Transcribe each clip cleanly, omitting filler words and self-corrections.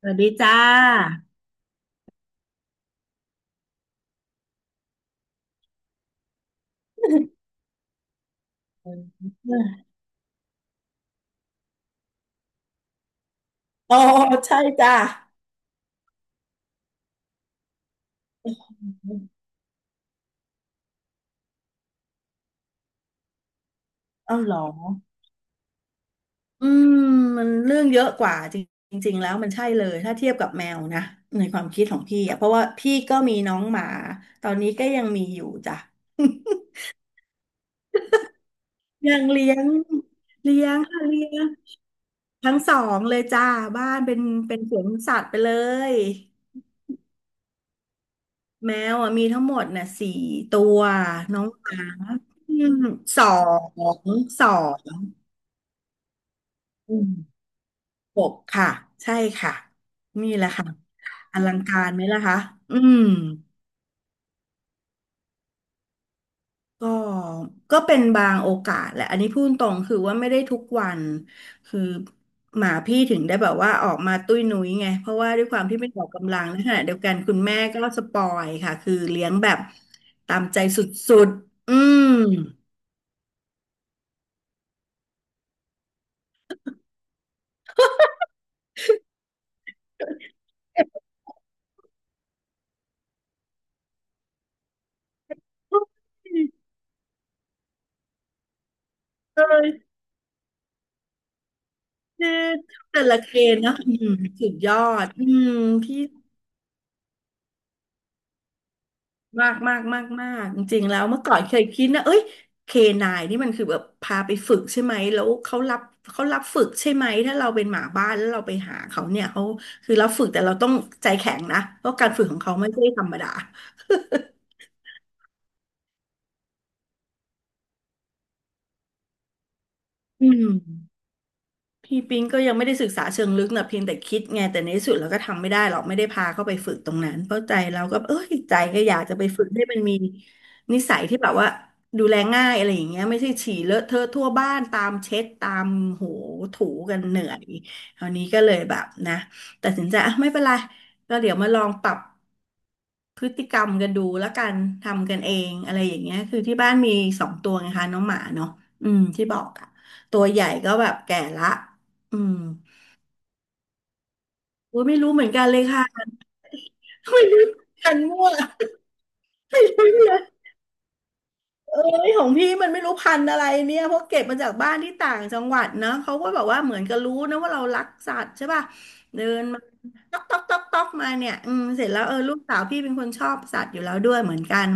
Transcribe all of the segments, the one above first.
สวัสดีจ้าอ๋อใช่จ้าเอ้าเหรออืมมันเรื่องเยอะกว่าจริงจริงๆแล้วมันใช่เลยถ้าเทียบกับแมวนะในความคิดของพี่อะเพราะว่าพี่ก็มีน้องหมาตอนนี้ก็ยังมีอยู่จ้ะ ยังเลี้ยงเลี้ยงค่ะเลี้ยงทั้งสองเลยจ้าบ้านเป็นสวนสัตว์ไปเลยแมวอะมีทั้งหมดน่ะสี่ตัวน้องหมาอืมสองสองอืม หกค่ะใช่ค่ะนี่แหละค่ะอลังการไหมล่ะคะอืมก็ก็เป็นบางโอกาสแหละอันนี้พูดตรงคือว่าไม่ได้ทุกวันคือหมาพี่ถึงได้แบบว่าออกมาตุ้ยนุ้ยไงเพราะว่าด้วยความที่ไม่ออกกำลังในขณะเดียวกันคุณแม่ก็สปอยค่ะคือเลี้ยงแบบตามใจสุดๆอืม เจ็บปวดเลยคือแต่ละเกณ์เนอะอืมสุดยอดอืมพี่ มากมากมากมากจริงๆแล้วเมื่อก่อนเคยคิดนะเอ้ยเคนายนี่มันคือแบบพาไปฝึกใช่ไหมแล้วเขารับฝึกใช่ไหมถ้าเราเป็นหมาบ้านแล้วเราไปหาเขาเนี่ยเขาคือรับฝึกแต่เราต้องใจแข็งนะเพราะการฝึกของเขาไม่ใช่ธรรมดาอืม พี่ปิงก็ยังไม่ได้ศึกษาเชิงลึกนะเพียงแต่คิดไงแต่ในที่สุดเราก็ทำไม่ได้หรอกไม่ได้พาเขาไปฝึกตรงนั้นเพราะใจเราก็เอ้ยใจก็อยากจะไปฝึกให้มันมีนิสัยที่แบบว่าดูแลง่ายอะไรอย่างเงี้ยไม่ใช่ฉี่เลอะเทอะทั่วบ้านตามเช็ดตามโหถูกันเหนื่อยคราวนี้ก็เลยแบบนะตัดสินใจอ่ะไม่เป็นไรก็เดี๋ยวมาลองปรับ พฤติกรรมกันดูแล้วกันทำกันเองอะไรอย่างเงี้ยคือที่บ้านมีสองตัวไงคะน้องหมาเนาะอืมที่บอกอะตัวใหญ่ก็แบบแก่ละอืมโอ้ยไม่รู้เหมือนกันเลยค่ะ ไม่รู้เหมือนกันมั่ว ไม่รู้เลย เอ้ยของพี่มันไม่รู้พันธุ์อะไรเนี่ยเพราะเก็บมาจากบ้านที่ต่างจังหวัดนะเขาก็แบบว่าเหมือนกับรู้นะว่าเรารักสัตว์ใช่ป่ะเดินมาต๊อกต๊อกต๊อกต๊อกมาเนี่ยอืมเสร็จแล้วเออลูกสาวพี่เป็นคนชอบสัตว์อยู่แล้วด้วยเหมือนกัน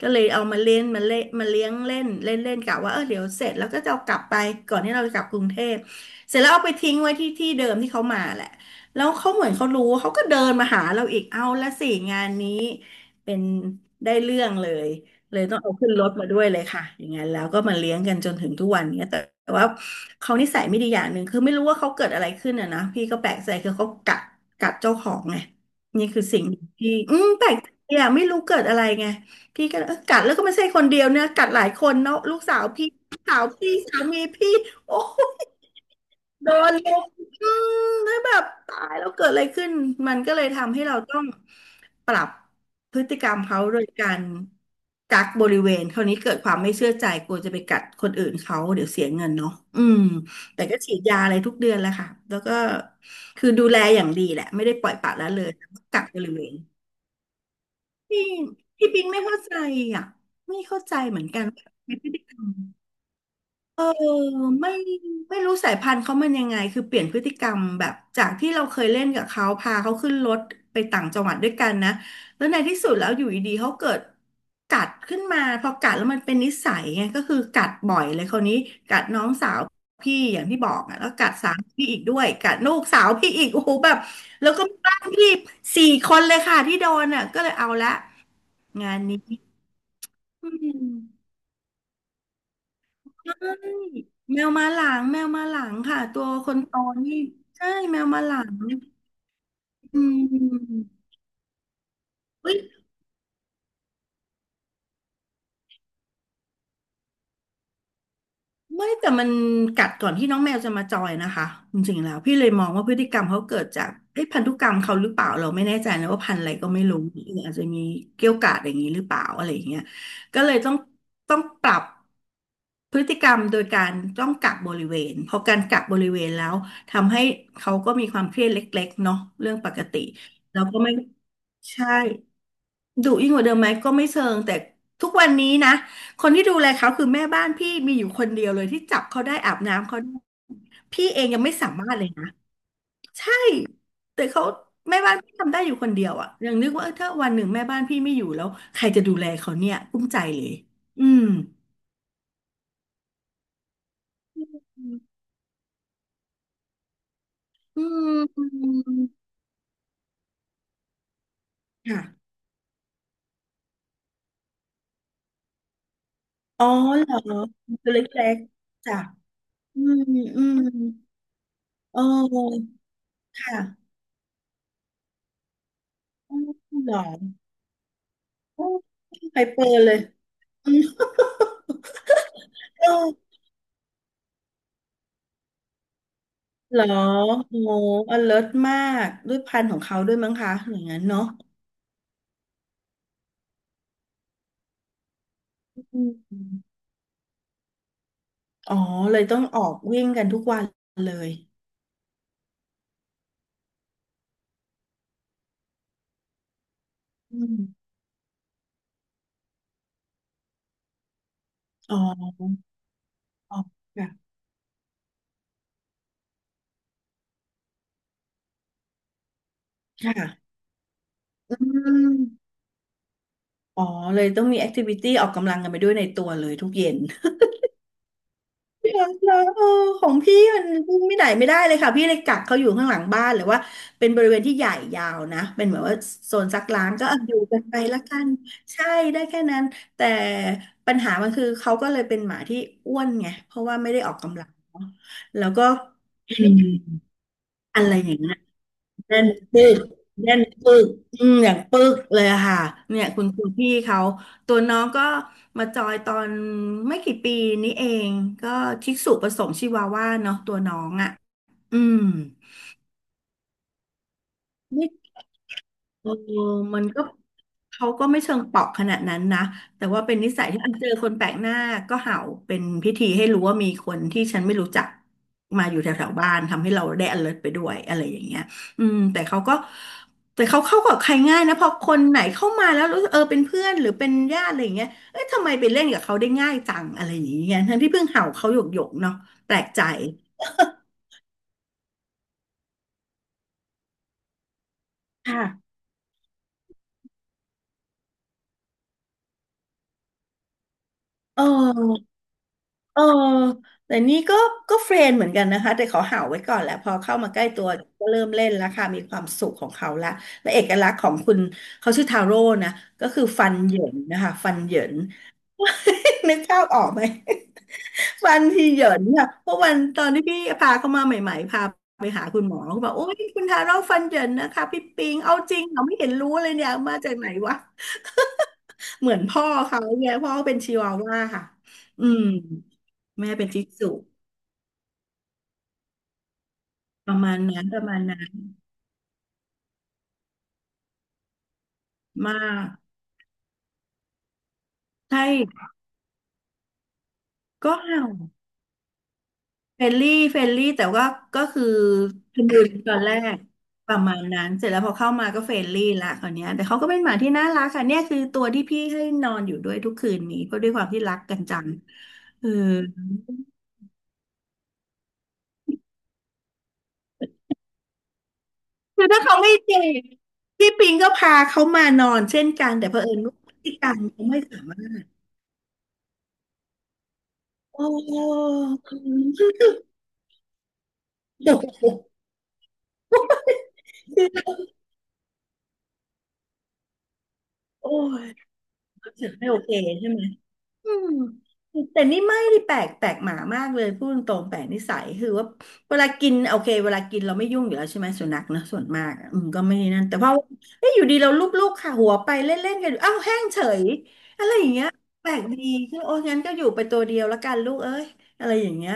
ก็เลยเอามาเลี้ยงเล่นเล่นเล่นกะว่าเออเดี๋ยวเสร็จแล้วก็จะเอากลับไปก่อนที่เราจะกลับกรุงเทพเสร็จแล้วเอาไปทิ้งไว้ที่ที่เดิมที่เขามาแหละแล้วเขาเหมือนเขารู้เขาก็เดินมาหาเราอีกเอาละสิงานนี้เป็นได้เรื่องเลย เลยต้องเอาขึ้นรถมาด้วยเลยค่ะอย่างนั้นแล้วก็มาเลี้ยงกันจนถึงทุกวันเนี้ยแต่ว่าเขานิสัยไม่ดีอย่างหนึ่งคือไม่รู้ว่าเขาเกิดอะไรขึ้นอ่ะนะพี่ก็แปลกใจคือเขากัดเจ้าของไงนี่คือสิ่งที่อืมแปลกใจอ่ะไม่รู้เกิดอะไรไงพี่ก็เออกัดแล้วก็ไม่ใช่คนเดียวเนี่ยกัดหลายคนเนาะลูกสาวพี่สามีพี่โอ้ยโดนลุมอืมแล้วแบบตายแล้วเกิดอะไรขึ้นมันก็เลยทำให้เราต้อง ปรับพฤติกรรมเขาโดยการกักบริเวณคราวนี้เกิดความไม่เชื่อใจกลัวจะไปกัดคนอื่นเขาเดี๋ยวเสียเงินเนาะอืมแต่ก็ฉีดยาอะไรทุกเดือนแหล้วค่ะแล้วก็คือดูแลอย่างดีแหละไม่ได้ปล่อยปละละเลยแต่ว่ากักบริเวณพี่พี่ปิงไม่เข้าใจอ่ะไม่เข้าใจเหมือนกันว่าพฤติกรรม เออไม่ไม่รู้สายพันธุ์เขามันยังไงคือเปลี่ยนพฤติกรรมแบบจากที่เราเคยเล่นกับเขาพาเขาขึ้นรถไปต่างจังหวัดด้วยกันนะแล้วในที่สุดแล้วอยู่ดีๆเขาเกิดกัดขึ้นมาพอกัดแล้วมันเป็นนิสัยไงก็คือกัดบ่อยเลยคราวนี้กัดน้องสาวพี่อย่างที่บอกอ่ะแล้วกัดสามพี่อีกด้วยกัดลูกสาวพี่อีกโอ้โหแบบแล้วก็มีบ้านพี่สี่คนเลยค่ะที่โดนอ่ะก็เลยเอาละงานนี้อืม ใช่แมวมาหลังค่ะตัวคนโตนี่ใช่แมวมาหลังอืมเฮ้ยไม่แต่มันกัดก่อนที่น้องแมวจะมาจอยนะคะจริงๆแล้วพี่เลยมองว่าพฤติกรรมเขาเกิดจากเอ้พันธุกรรมเขาหรือเปล่าเราไม่แน่ใจนะว่าพันธุ์อะไรก็ไม่รู้หรืออาจจะมีเกี้ยวกาดอย่างนี้หรือเปล่าอะไรอย่างเงี้ยก็เลยต้องปรับ พฤติกรรมโดยการต้องกักบริเวณพอการกักบริเวณแล้วทำให้เขาก็มีความเครียดเล็กๆเนาะเรื่องปกติแล้วก็ไม่ใช่ดุยิ่งกว่าเดิมไหมก็ไม่เชิงแต่ทุกวันนี้นะคนที่ดูแลเขาคือแม่บ้านพี่มีอยู่คนเดียวเลยที่จับเขาได้อาบน้ำเขาได้พี่เองยังไม่สามารถเลยนะใช่แต่เขาแม่บ้านพี่ทำได้อยู่คนเดียวอะยังนึกว่าเออถ้าวันหนึ่งแม่บ้านพี่ไม่อยู่แล้วใครจะดูแลเขาเนี่ยกุ้มใจเลยอืม อืม ค่ะอ๋อเหรอตัวเล็กๆจ้ะอืมอืมเออค่ะอืมเหรอโอ้ไฮเปอร์เลยอืมเออเหรอโอ้อเลิมากด้วยพันธุ์ของเขาด้วยมั้งคะอย่างนั้นเนาะอืมอ๋อเลยต้องออกวิ่งกันทุกวันเลยอืมอ๋ออ๋อค่ะค่ะอืมอ๋อเลยต้องมีแอคทิวิตี้ออกกำลังกันไปด้วยในตัวเลยทุกเย็น พี่รักนะเออของพี่มันวิ่งไม่ไหนไม่ได้เลยค่ะพี่เลยกักเขาอยู่ข้างหลังบ้านหรือว่าเป็นบริเวณที่ใหญ่ยาวนะเป็นเหมือนว่าโซนซักล้างก็เอาอยู่กันไปละกันใช่ได้แค่นั้นแต่ปัญหามันคือเขาก็เลยเป็นหมาที่อ้วนไงเพราะว่าไม่ได้ออกกำลังเนอะแล้วก็อืมอะไรอย่างนั้น เน่นปึกเน่นปึกอืมอย่างปึกเลยอะค่ะเนี่ยคุณครูพี่เขาตัวน้องก็มาจอยตอนไม่กี่ปีนี้เองก็ชิสุผสมชิวาว่าเนาะตัวน้องอ่ะอืม เออมันก็เขาก็ไม่เชิงเปราะขนาดนั้นนะแต่ว่าเป็นนิสัยที่อันเจอคนแปลกหน้าก็เห่าเป็นพิธีให้รู้ว่ามีคนที่ฉันไม่รู้จักมาอยู่แถวๆบ้านทำให้เราได้ alert ไปด้วยอะไรอย่างเงี้ยแต่เขาก็แต่เขาเข้ากับใครง่ายนะพอคนไหนเข้ามาแล้วรู้สึกเออเป็นเพื่อนหรือเป็นญาติอะไรอย่างเงี้ยเอ้ยทำไมไปเล่นกับเขาได้ง่ายจังอะไรอย่างเงี้ยทั้งที่เพิ่งเห่าเขาหยกๆเนาะแปลกใจค่ะ เออ เออแต่นี่ก็ก็เฟรนเหมือนกันนะคะแต่ขาเห่าวไว้ก่อนแหละพอเข้ามาใกล้ตัวก็เริ่มเล่นแล้วค่ะมีความสุขของเขาละและเอกลักษณ์ของคุณเขาชื่อทาโร่นะก็คือฟันเหยินนะคะฟัน เหยิน นึกภาพออกไหมฟันที่เหยินค่ะเพราะวันตอนที่พี่พาเขามาใหม่ๆพาไปหาคุณหมอเขาบอกโอ้ยคุณทาโร่ฟันเหยินนะคะพี่ปิงเอาจริงเหราไม่เห็นรู้เลยเนี่ยมาจากไหนวะ เหมือนพ่อเขาเนี่ยพ่อเป็นชิวาว่าค่ะอืมแม่เป็นจิกสุประมาณนั้นประมาณนั้นมากใช่ก็เฟรนลี่เฟรนลี่แต่ว่าก็คือเปนดูตอนแรกประมาณนั้นเสร็จแล้วพอเข้ามาก็เฟรนลี่ละคราวเนี้ยแต่เขาก็เป็นหมาที่น่ารักค่ะเนี่ยคือตัวที่พี่ให้นอนอยู่ด้วยทุกคืนนี้เพราะด้วยความที่รักกันจังเออคือถ้าเขาไม่เจ็บพี่ปิงก็พาเขามานอนเช่นกันแต่เผอิญว่าพฤติกรรมเขาไม่สามารถ โอ้อืมเดี๋ยวโอ้ยรู้สึกไม่โอเคใช่ไหมอืมแต่นี่ไม่ได้แปลกแปลกหมามากเลยพูดตรงๆแปลกนิสัยคือว่าเวลากินโอเคเวลากินเราไม่ยุ่งอยู่แล้วใช่ไหมสุนัขนะส่วนมากอะก็ไม่นั่นแต่พอเอ้ยอยู่ดีเราลูบๆค่ะหัวไปเล่นๆกันอยู่อ้าวแห้งเฉยอะไรอย่างเงี้ยแปลกดีคือโอ้งั้นก็อยู่ไปตัวเดียวละกันลูกเอ้ยอะไรอย่างเงี้ย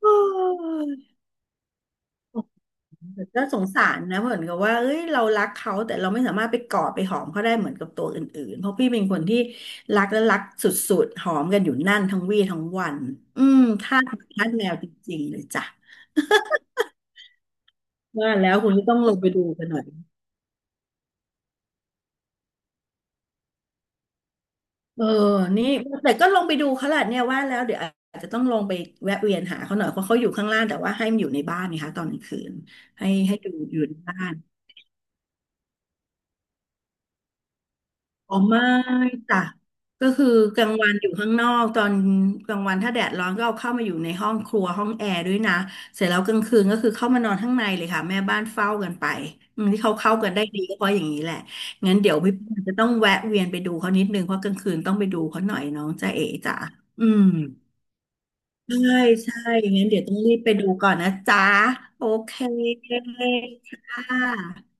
โอ้ย น่าสงสารนะเหมือนกับว่าเอ้ยเรารักเขาแต่เราไม่สามารถไปกอดไปหอมเขาได้เหมือนกับตัวอื่นๆเพราะพี่เป็นคนที่รักและรักสุดๆหอมกันอยู่นั่นทั้งวี่ทั้งวันอืมทาสหมาทาสแมวจริงๆเลยจ้ะว่าแล้วคุณก็ต้องลงไปดูกันหน่อยเออนี่แต่ก็ลงไปดูเขาแหละเนี่ยว่าแล้วเดี๋ยวอาจจะต้องลงไปแวะเวียนหาเขาหน่อยเพราะเขาอยู่ข้างล่างแต่ว่าให้มันอยู่ในบ้านนะคะตอนกลางคืนให้ให้ดูอยู่ในบ้าน อ๋อไม่จ้ะก็คือกลางวันอยู่ข้างนอกตอนกลางวันถ้าแดดร้อนก็เอาเข้ามาอยู่ในห้องครัวห้องแอร์ด้วยนะเสร็จแล้วกลางคืนก็คือเข้ามานอนข้างในเลยค่ะแม่บ้านเฝ้ากันไปอืมที่เขาเข้ากันได้ดีก็เพราะอย่างนี้แหละงั้นเดี๋ยวพี่ปอนจะต้องแวะเวียนไปดูเขานิดนึงเพราะกลางคืนต้องไปดูเขาหน่อยน้องจ๊ะเอ๋จ๋าอืมใช่ใช่งั้นเดี๋ยวต้องรีบไปดูก่อนนะจ๊ะโอเคค่ะ